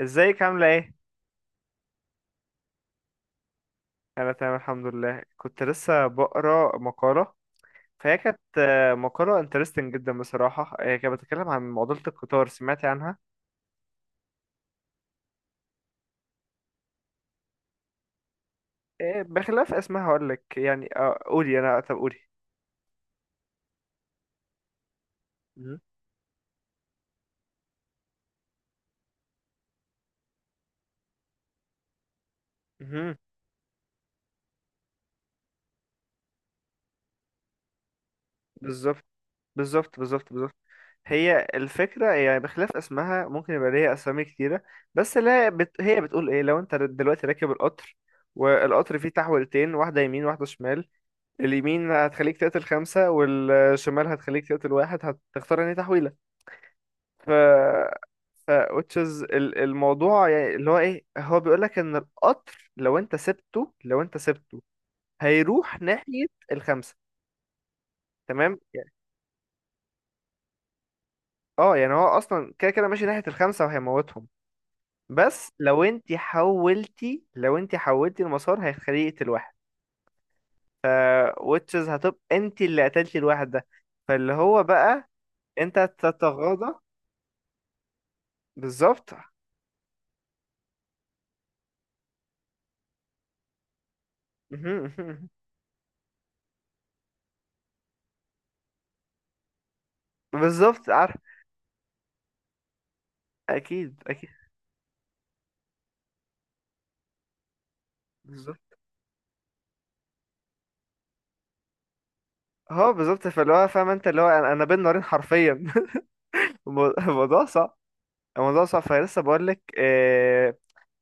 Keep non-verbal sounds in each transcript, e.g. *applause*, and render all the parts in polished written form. ازيك عاملة ايه؟ انا تمام الحمد لله. كنت لسه بقرا مقالة، فهي كانت مقالة انترستنج جدا بصراحة. هي كانت بتتكلم عن معضلة القطار، سمعتي عنها؟ بخلاف اسمها هقولك. يعني قولي انا. طب قولي. مهم. مهم. بالظبط بالظبط. هي الفكرة يعني، بخلاف اسمها ممكن يبقى ليها أسامي كتيرة، بس لا هي بتقول إيه؟ لو أنت دلوقتي راكب القطر، والقطر فيه تحولتين، واحدة يمين واحدة شمال، اليمين هتخليك تقتل خمسة والشمال هتخليك تقتل واحد، هتختار انهي تحويلة؟ ف ف which is الموضوع يعني اللي هو ايه، هو بيقولك ان القطر لو انت سبته هيروح ناحية الخمسة، تمام؟ يعني اه، يعني هو اصلا كده كده ماشي ناحية الخمسة وهيموتهم، بس لو انت حولتي المسار هيخليه يقتل واحد، which is هتبقى انت اللي قتلتي الواحد ده. فاللي هو بقى انت تتغاضى. بالظبط. مهم، *laughs* مهم. بالظبط، عارف. اكيد. بالظبط. اه بالظبط، فاللي هو فاهم، انت اللي هو أنا بين نارين حرفيا. *laughs* الموضوع صعب. الموضوع صعب، فلسه بقول لك آه،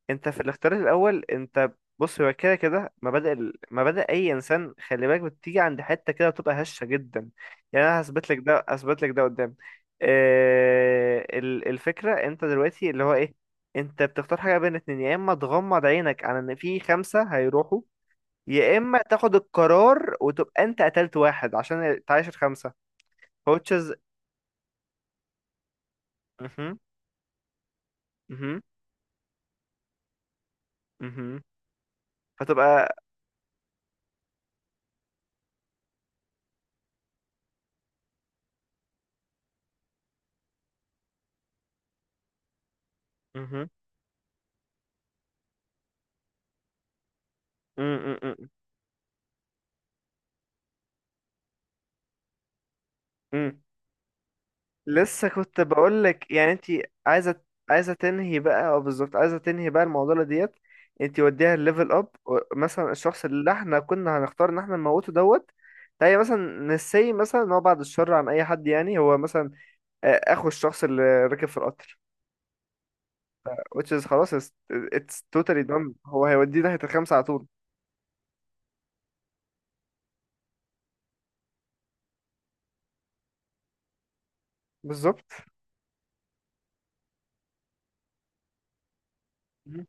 انت في الاختيار الاول، انت بص هو كده كده مبادئ مبادئ اي انسان، خلي بالك، بتيجي عند حته كده بتبقى هشه جدا. يعني انا هثبت لك ده قدام. آه الفكره انت دلوقتي اللي هو ايه، انت بتختار حاجه بين اتنين، يا اما تغمض عينك على ان في خمسه هيروحوا، يا اما تاخد القرار وتبقى انت قتلت واحد عشان تعيش الخمسه. كوتشز. اها. اها. اها. فتبقى. اها. لسه كنت بقول لك. يعني انت عايزه عايزه تنهي بقى. اه بالظبط، عايزه تنهي بقى المعضله ديت. انت وديها الليفل اب، مثلا الشخص اللي احنا كنا هنختار ان احنا نموته دوت، تلاقي مثلا نسي، مثلا ان هو بعد الشر عن اي حد، يعني هو مثلا اخو الشخص اللي راكب في القطر، which is خلاص it's, it's totally done، هو هيوديه ناحية الخمسة على طول. بالظبط. مم.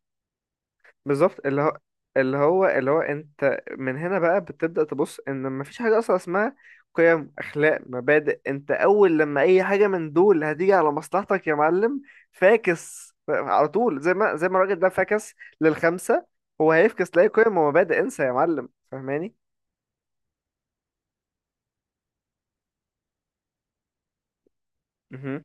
بالظبط. اللي هو انت من هنا بقى بتبدأ تبص ان مفيش حاجة اصلا اسمها قيم، اخلاق، مبادئ. انت اول لما اي حاجة من دول هتيجي على مصلحتك يا معلم، فاكس. على طول زي ما الراجل ده فاكس للخمسة، هو هيفكس لاي قيم ومبادئ. انسى يا معلم، فاهماني؟ مهم.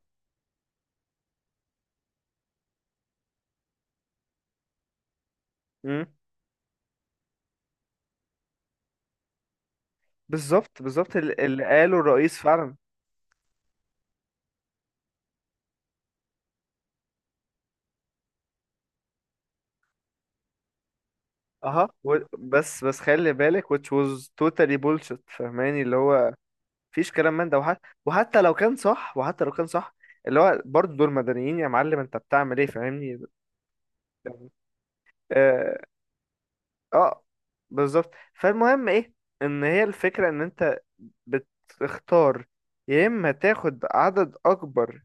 مم. بالظبط، اللي قاله الرئيس فعلا. اها، بس خلي بالك which was totally bullshit. فهماني اللي هو مفيش كلام من ده، وحتى لو كان صح، وحتى لو كان صح، اللي هو برضه دول مدنيين يا معلم، انت بتعمل ايه؟ فاهمني. اه, آه بالظبط. فالمهم ايه، ان هي الفكرة ان انت بتختار، يا اما تاخد عدد اكبر،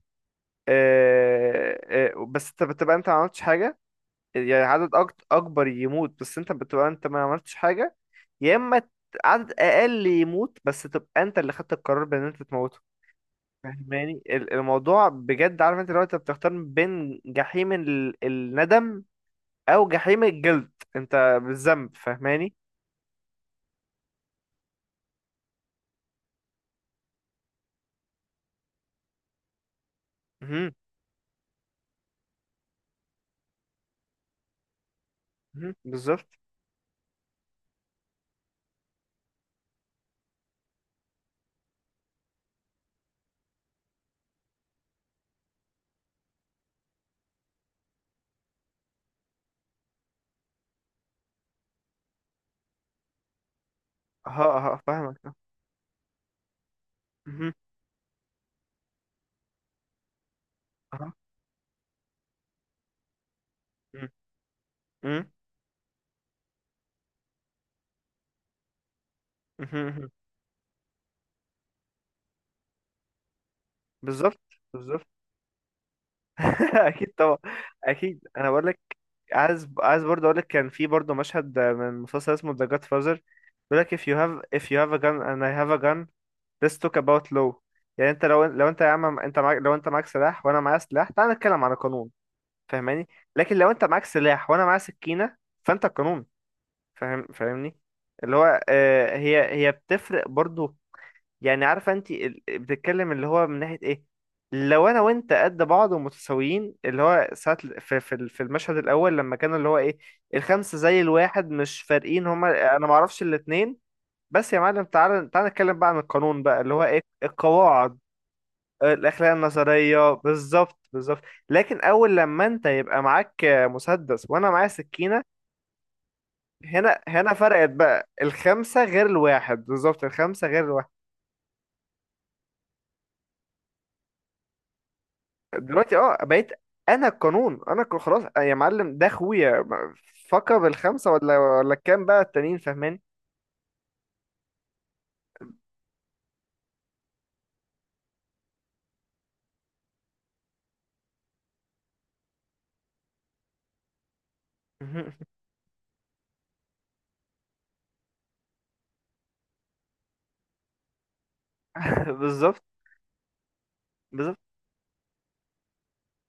آه، آه، بس انت بتبقى انت ما عملتش حاجة، يعني عدد اكبر يموت بس انت بتبقى انت ما عملتش حاجة، يا اما ت- عدد اقل يموت بس تبقى انت اللي خدت القرار بان انت تموته، فاهماني؟ الموضوع بجد، عارف، انت لو انت بتختار بين جحيم الندم او جحيم الجلد انت بالذنب، فاهماني؟ مهم. مهم. بالظبط. ها ها، فاهمك اه. مهم. أها. مم. مم. مهم. مهم. بالظبط. بالظبط. *laughs* اكيد طبعا. اكيد. انا بقول لك عايز برضه اقول لك، كان في برضه مشهد من مسلسل اسمه The Godfather، بيقول لك if you have a gun and I have a gun, let's talk about law. يعني انت لو انت يا عم، انت معاك، لو انت معاك سلاح وانا معايا سلاح، تعال نتكلم عن القانون، فاهماني؟ لكن لو انت معاك سلاح وانا معايا سكينة، فانت القانون، فاهم فاهمني؟ اللي هو آه، هي بتفرق برضه، يعني عارفه انت بتتكلم اللي هو من ناحيه ايه، لو انا وانت قد بعض ومتساويين، اللي هو ساعه في في المشهد الاول لما كان اللي هو ايه، الخمسه زي الواحد، مش فارقين، هما انا ما اعرفش الاتنين. بس يا معلم، تعالى نتكلم بقى عن القانون بقى، اللي هو ايه، القواعد، الاخلاق النظريه. بالظبط. لكن اول لما انت يبقى معاك مسدس وانا معايا سكينه، هنا فرقت بقى. الخمسه غير الواحد، بالظبط الخمسه غير الواحد. دلوقتي اه، بقيت انا القانون. انا خلاص يا معلم، ده اخويا، فكر بالخمسه ولا الكام بقى التانيين، فاهماني؟ مهم. *laughs* بالظبط. بالظبط.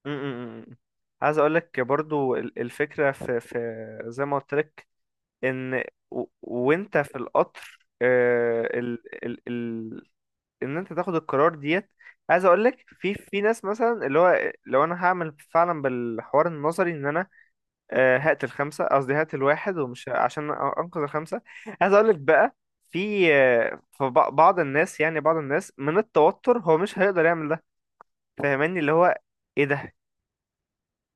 م- م- م. عايز اقول لك برضو الفكره في، زي ما قلت لك، ان وانت في القطر ال ان انت تاخد القرار ديت. عايز اقول لك في، ناس مثلا اللي هو لو انا هعمل فعلا بالحوار النظري، ان انا هات الخمسة، قصدي هات الواحد ومش عشان أنقذ الخمسة. عايز أقولك بقى، في في بعض الناس، يعني بعض الناس من التوتر هو مش هيقدر يعمل ده، فاهماني اللي هو إيه ده.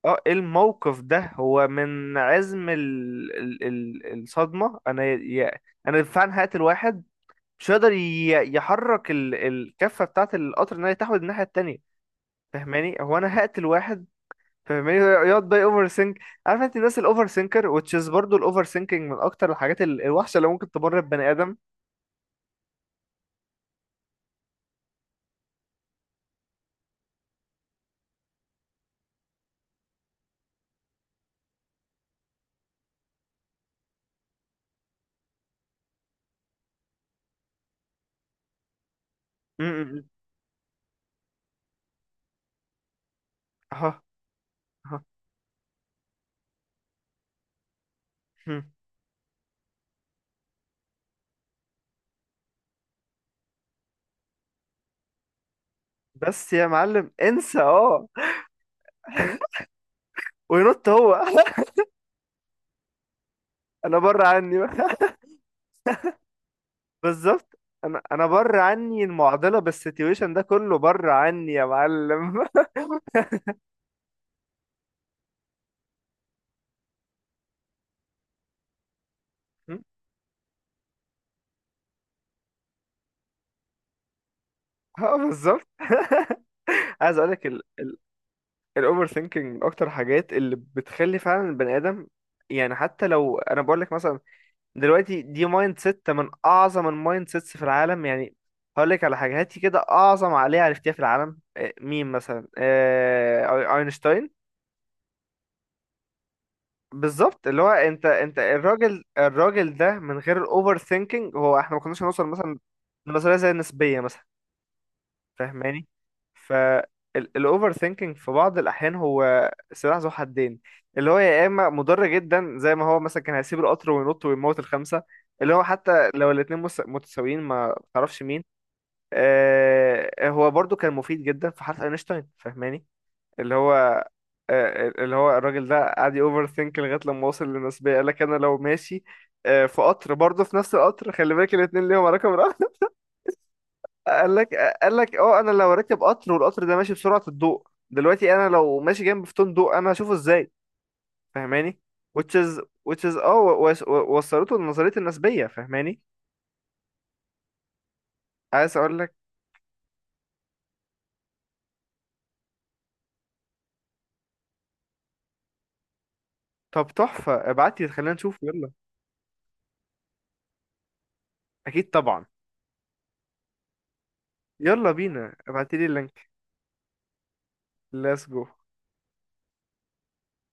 اه، ايه الموقف ده، هو من عزم ال... ال... الصدمة، أنا ي... أنا فعلا هات الواحد، مش هيقدر ي... يحرك ال... الكفة بتاعة القطر إن هي تحود الناحية التانية. فاهماني هو أنا هات الواحد، فاهماني؟ يقعد بقى اوفر سينك. عارف انت الناس الاوفر سينكر، which is برضه الاوفر سينكينج من اكتر الحاجات الوحشه اللي ممكن تمر ببني ادم. م- م- م. اها اها. م. بس يا معلم انسى، اه وينط هو *laughs* انا بره عني بقى. *laughs* بالظبط. انا بره عني المعضله، بالسيتويشن ده كله بره عني يا معلم. *laughs* م. اه بالظبط. عايز اقول لك، الاوفر ثينكينج من اكتر الحاجات اللي بتخلي فعلا البني ادم يعني، حتى لو انا بقول لك مثلا، دلوقتي دي مايند سيت من اعظم المايند سيتس في العالم. يعني هقول لك على حاجه، هاتي كده اعظم عقليه عرفتيها في العالم، مين مثلا؟ اينشتاين. بالظبط، اللي هو انت، الراجل ده من غير الاوفر ثينكينج هو احنا ما كناش هنوصل مثلا لنظريه زي النسبيه مثلا، فاهماني؟ فالاوفر ثينكينج في بعض الاحيان هو سلاح ذو حدين، اللي هو يا اما مضر جدا، زي ما هو مثلا كان هيسيب القطر وينط ويموت الخمسه، اللي هو حتى لو الاتنين متساويين، ما تعرفش مين. آه هو برضو كان مفيد جدا في حرف اينشتاين، فاهماني اللي هو آه، اللي هو الراجل ده قعد اوفر ثينك لغايه لما وصل للنسبيه، قال لك انا لو ماشي آه في قطر، برضو في نفس القطر خلي بالك الاتنين ليهم رقم. قال لك قال لك اه، انا لو راكب قطر والقطر ده ماشي بسرعة الضوء دلوقتي، انا لو ماشي جنب فوتون ضوء انا هشوفه ازاي؟ فاهماني؟ which is which is اه، وصلته لنظرية النسبية، فاهماني؟ عايز اقول لك، طب تحفة، ابعتي خلينا نشوف، يلا. اكيد طبعا. يلا بينا. ابعتي لي اللينك. Let's go.